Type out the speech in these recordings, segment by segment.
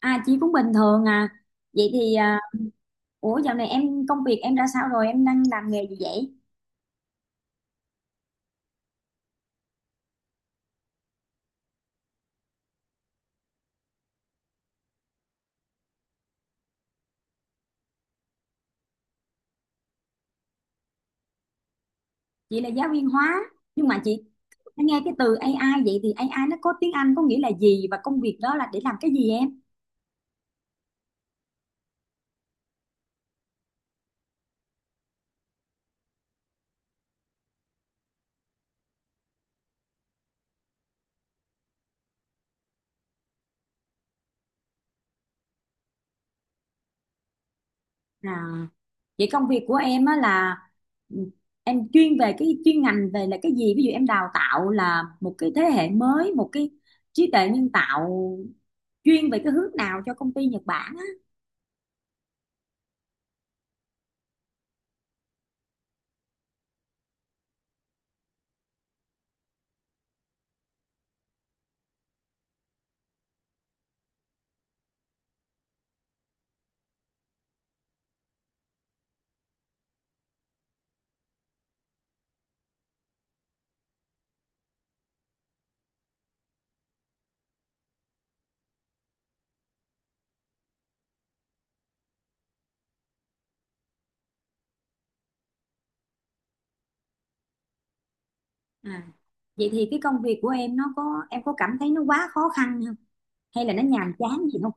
À, chị cũng bình thường à. Vậy thì ủa, dạo này em công việc em ra sao rồi? Em đang làm nghề gì vậy? Chị là giáo viên hóa, nhưng mà chị nghe cái từ AI, vậy thì AI nó có tiếng Anh có nghĩa là gì và công việc đó là để làm cái gì em? À, vậy công việc của em á là, ừ, em chuyên về cái chuyên ngành về là cái gì? Ví dụ em đào tạo là một cái thế hệ mới, một cái trí tuệ nhân tạo chuyên về cái hướng nào cho công ty Nhật Bản á. À, vậy thì cái công việc của em nó có, em có cảm thấy nó quá khó khăn không? Hay là nó nhàm chán gì không?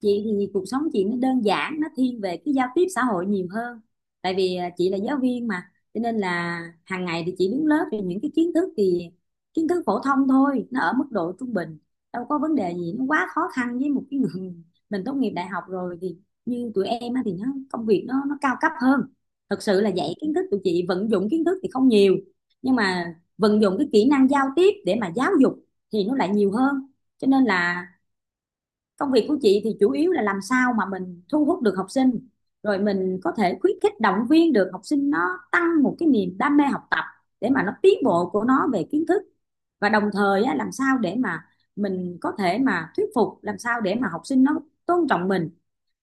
Chị thì cuộc sống chị nó đơn giản, nó thiên về cái giao tiếp xã hội nhiều hơn. Tại vì chị là giáo viên mà, cho nên là hàng ngày thì chị đứng lớp thì những cái kiến thức thì kiến thức phổ thông thôi, nó ở mức độ trung bình, đâu có vấn đề gì nó quá khó khăn với một cái người mình tốt nghiệp đại học rồi thì như tụi em á, thì nó công việc nó cao cấp hơn. Thật sự là dạy kiến thức tụi chị vận dụng kiến thức thì không nhiều, nhưng mà vận dụng cái kỹ năng giao tiếp để mà giáo dục thì nó lại nhiều hơn. Cho nên là công việc của chị thì chủ yếu là làm sao mà mình thu hút được học sinh, rồi mình có thể khuyến khích động viên được học sinh nó tăng một cái niềm đam mê học tập để mà nó tiến bộ của nó về kiến thức. Và đồng thời á, làm sao để mà mình có thể mà thuyết phục làm sao để mà học sinh nó tôn trọng mình,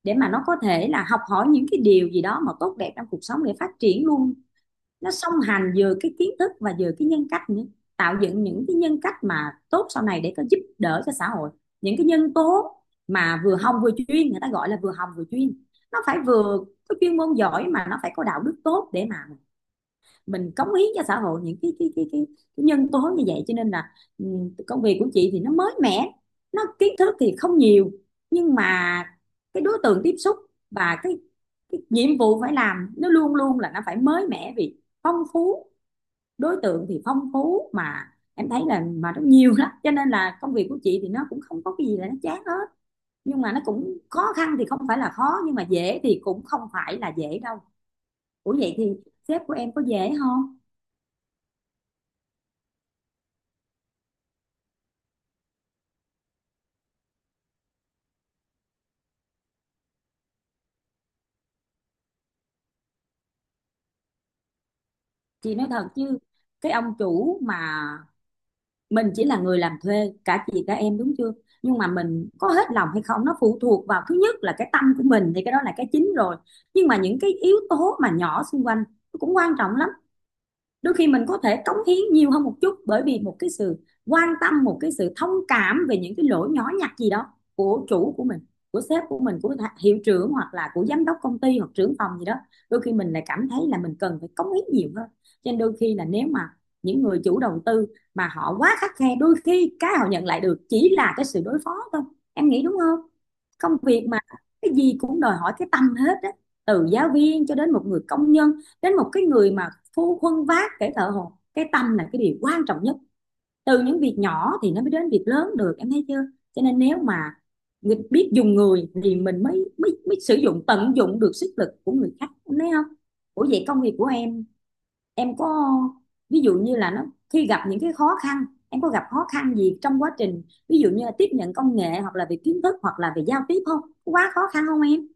để mà nó có thể là học hỏi những cái điều gì đó mà tốt đẹp trong cuộc sống để phát triển luôn, nó song hành vừa cái kiến thức và vừa cái nhân cách nữa, tạo dựng những cái nhân cách mà tốt sau này để có giúp đỡ cho xã hội, những cái nhân tố mà vừa hồng vừa chuyên, người ta gọi là vừa hồng vừa chuyên, nó phải vừa có chuyên môn giỏi mà nó phải có đạo đức tốt để mà mình cống hiến cho xã hội những cái nhân tố như vậy. Cho nên là ừ, công việc của chị thì nó mới mẻ, nó kiến thức thì không nhiều, nhưng mà cái đối tượng tiếp xúc và cái nhiệm vụ phải làm nó luôn luôn là nó phải mới mẻ vì phong phú. Đối tượng thì phong phú mà em thấy là mà nó nhiều lắm, cho nên là công việc của chị thì nó cũng không có cái gì là nó chán hết, nhưng mà nó cũng khó khăn thì không phải là khó nhưng mà dễ thì cũng không phải là dễ đâu. Ủa vậy thì sếp của em có dễ không? Chị nói thật chứ, cái ông chủ mà mình chỉ là người làm thuê, cả chị cả em đúng chưa, nhưng mà mình có hết lòng hay không nó phụ thuộc vào thứ nhất là cái tâm của mình thì cái đó là cái chính rồi, nhưng mà những cái yếu tố mà nhỏ xung quanh nó cũng quan trọng lắm. Đôi khi mình có thể cống hiến nhiều hơn một chút bởi vì một cái sự quan tâm, một cái sự thông cảm về những cái lỗi nhỏ nhặt gì đó của chủ của mình, của sếp của mình, của hiệu trưởng hoặc là của giám đốc công ty hoặc trưởng phòng gì đó, đôi khi mình lại cảm thấy là mình cần phải cống hiến nhiều hơn. Cho nên đôi khi là nếu mà những người chủ đầu tư mà họ quá khắt khe, đôi khi cái họ nhận lại được chỉ là cái sự đối phó thôi, em nghĩ đúng không? Công việc mà cái gì cũng đòi hỏi cái tâm hết á, từ giáo viên cho đến một người công nhân, đến một cái người mà phu khuân vác, kẻ thợ hồ, cái tâm là cái điều quan trọng nhất, từ những việc nhỏ thì nó mới đến việc lớn được, em thấy chưa? Cho nên nếu mà biết dùng người thì mình mới mới mới sử dụng tận dụng được sức lực của người khác, em thấy không? Ủa vậy công việc của em có, ví dụ như là nó khi gặp những cái khó khăn, em có gặp khó khăn gì trong quá trình, ví dụ như là tiếp nhận công nghệ hoặc là về kiến thức hoặc là về giao tiếp, không quá khó khăn không em?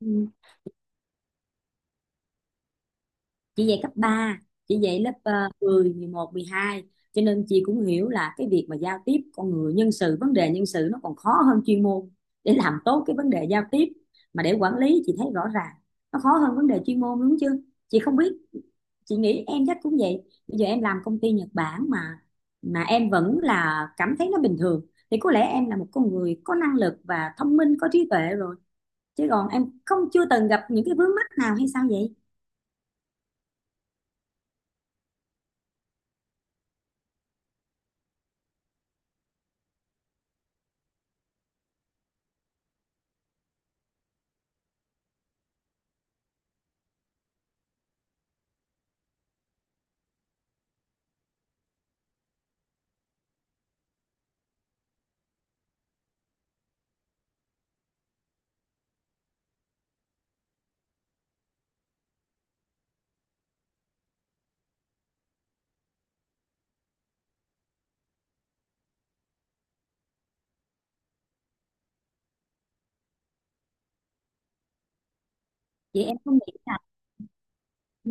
Ừ. Chị dạy cấp 3, chị dạy lớp 10, 11, 12, cho nên chị cũng hiểu là cái việc mà giao tiếp con người, nhân sự, vấn đề nhân sự nó còn khó hơn chuyên môn. Để làm tốt cái vấn đề giao tiếp mà để quản lý, chị thấy rõ ràng nó khó hơn vấn đề chuyên môn, đúng chưa? Chị không biết, chị nghĩ em chắc cũng vậy, bây giờ em làm công ty Nhật Bản mà em vẫn là cảm thấy nó bình thường thì có lẽ em là một con người có năng lực và thông minh, có trí tuệ rồi, chứ còn em không chưa từng gặp những cái vướng mắc nào hay sao vậy? Vậy em không nghĩ là ừ.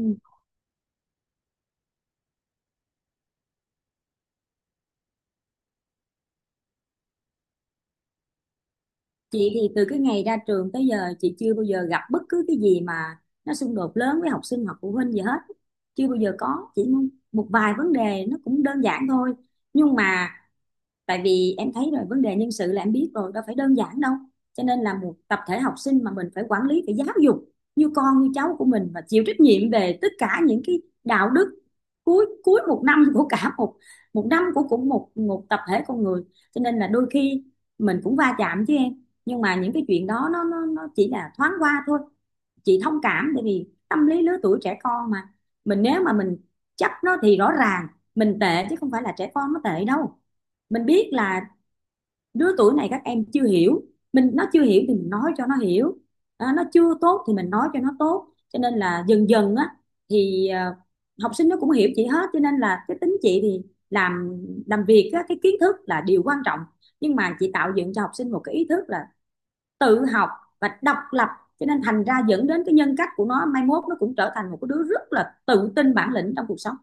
Chị thì từ cái ngày ra trường tới giờ chị chưa bao giờ gặp bất cứ cái gì mà nó xung đột lớn với học sinh hoặc phụ huynh gì hết. Chưa bao giờ có, chỉ một vài vấn đề nó cũng đơn giản thôi. Nhưng mà tại vì em thấy rồi, vấn đề nhân sự là em biết rồi, đâu phải đơn giản đâu, cho nên là một tập thể học sinh mà mình phải quản lý, phải giáo dục như con như cháu của mình và chịu trách nhiệm về tất cả những cái đạo đức cuối cuối một năm của cả một, một năm của cũng một một tập thể con người, cho nên là đôi khi mình cũng va chạm chứ em, nhưng mà những cái chuyện đó nó chỉ là thoáng qua thôi. Chị thông cảm tại vì tâm lý lứa tuổi trẻ con mà, mình nếu mà mình chấp nó thì rõ ràng mình tệ chứ không phải là trẻ con nó tệ đâu. Mình biết là đứa tuổi này các em chưa hiểu mình, nó chưa hiểu thì mình nói cho nó hiểu, à, nó chưa tốt thì mình nói cho nó tốt. Cho nên là dần dần á thì học sinh nó cũng hiểu chị hết, cho nên là cái tính chị thì làm làm việc á, cái kiến thức là điều quan trọng, nhưng mà chị tạo dựng cho học sinh một cái ý thức là tự học và độc lập, cho nên thành ra dẫn đến cái nhân cách của nó mai mốt nó cũng trở thành một cái đứa rất là tự tin, bản lĩnh trong cuộc sống.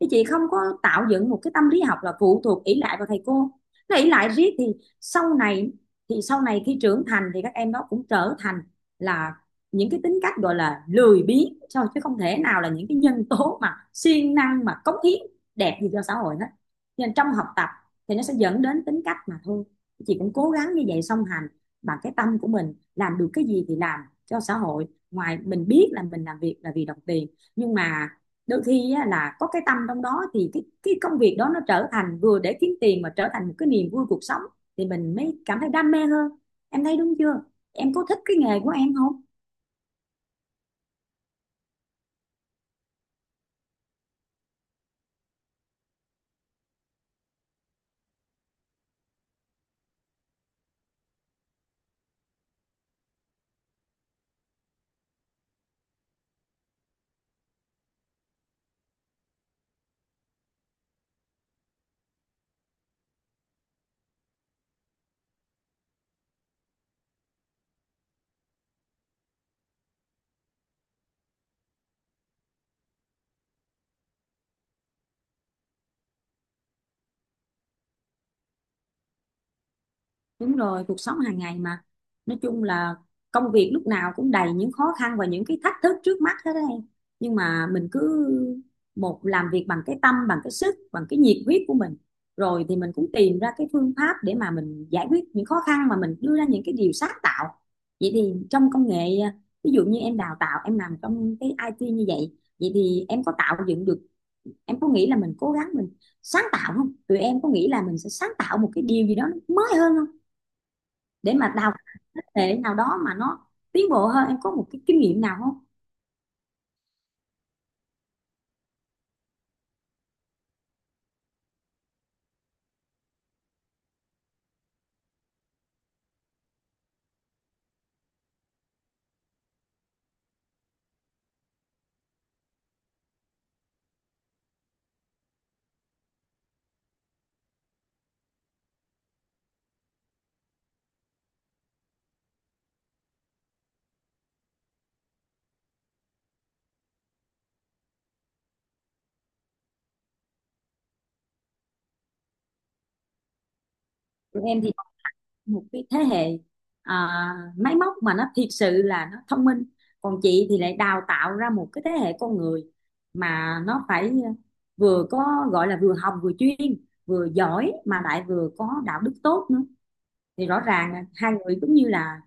Thì chị không có tạo dựng một cái tâm lý học là phụ thuộc ỷ lại vào thầy cô, nó ỷ lại riết thì sau này, thì sau này khi trưởng thành thì các em đó cũng trở thành là những cái tính cách gọi là lười biếng thôi, chứ không thể nào là những cái nhân tố mà siêng năng mà cống hiến đẹp gì cho xã hội hết. Nên trong học tập thì nó sẽ dẫn đến tính cách mà thôi. Chị cũng cố gắng như vậy, song hành bằng cái tâm của mình, làm được cái gì thì làm cho xã hội. Ngoài mình biết là mình làm việc là vì đồng tiền, nhưng mà đôi khi là có cái tâm trong đó thì cái công việc đó nó trở thành vừa để kiếm tiền mà trở thành một cái niềm vui cuộc sống, thì mình mới cảm thấy đam mê hơn, em thấy đúng chưa? Em có thích cái nghề của em không? Đúng rồi, cuộc sống hàng ngày mà. Nói chung là công việc lúc nào cũng đầy những khó khăn và những cái thách thức trước mắt hết đấy em. Nhưng mà mình cứ một làm việc bằng cái tâm, bằng cái sức, bằng cái nhiệt huyết của mình. Rồi thì mình cũng tìm ra cái phương pháp để mà mình giải quyết những khó khăn, mà mình đưa ra những cái điều sáng tạo. Vậy thì trong công nghệ, ví dụ như em đào tạo, em làm trong cái IT như vậy, vậy thì em có tạo dựng được, em có nghĩ là mình cố gắng mình sáng tạo không? Tụi em có nghĩ là mình sẽ sáng tạo một cái điều gì đó nó mới hơn không? Để mà đào thế hệ nào đó mà nó tiến bộ hơn, em có một cái kinh nghiệm nào không? Tụi em thì một cái thế hệ, à, máy móc mà nó thiệt sự là nó thông minh, còn chị thì lại đào tạo ra một cái thế hệ con người mà nó phải vừa có gọi là vừa học vừa chuyên, vừa giỏi mà lại vừa có đạo đức tốt nữa. Thì rõ ràng là hai người cũng như là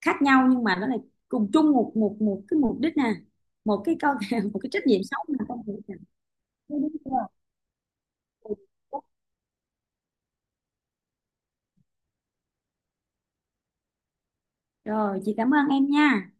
khác nhau nhưng mà nó lại cùng chung một một một cái mục đích nè, một cái câu một cái trách nhiệm sống là con người, đúng chưa? Rồi, chị cảm ơn em nha.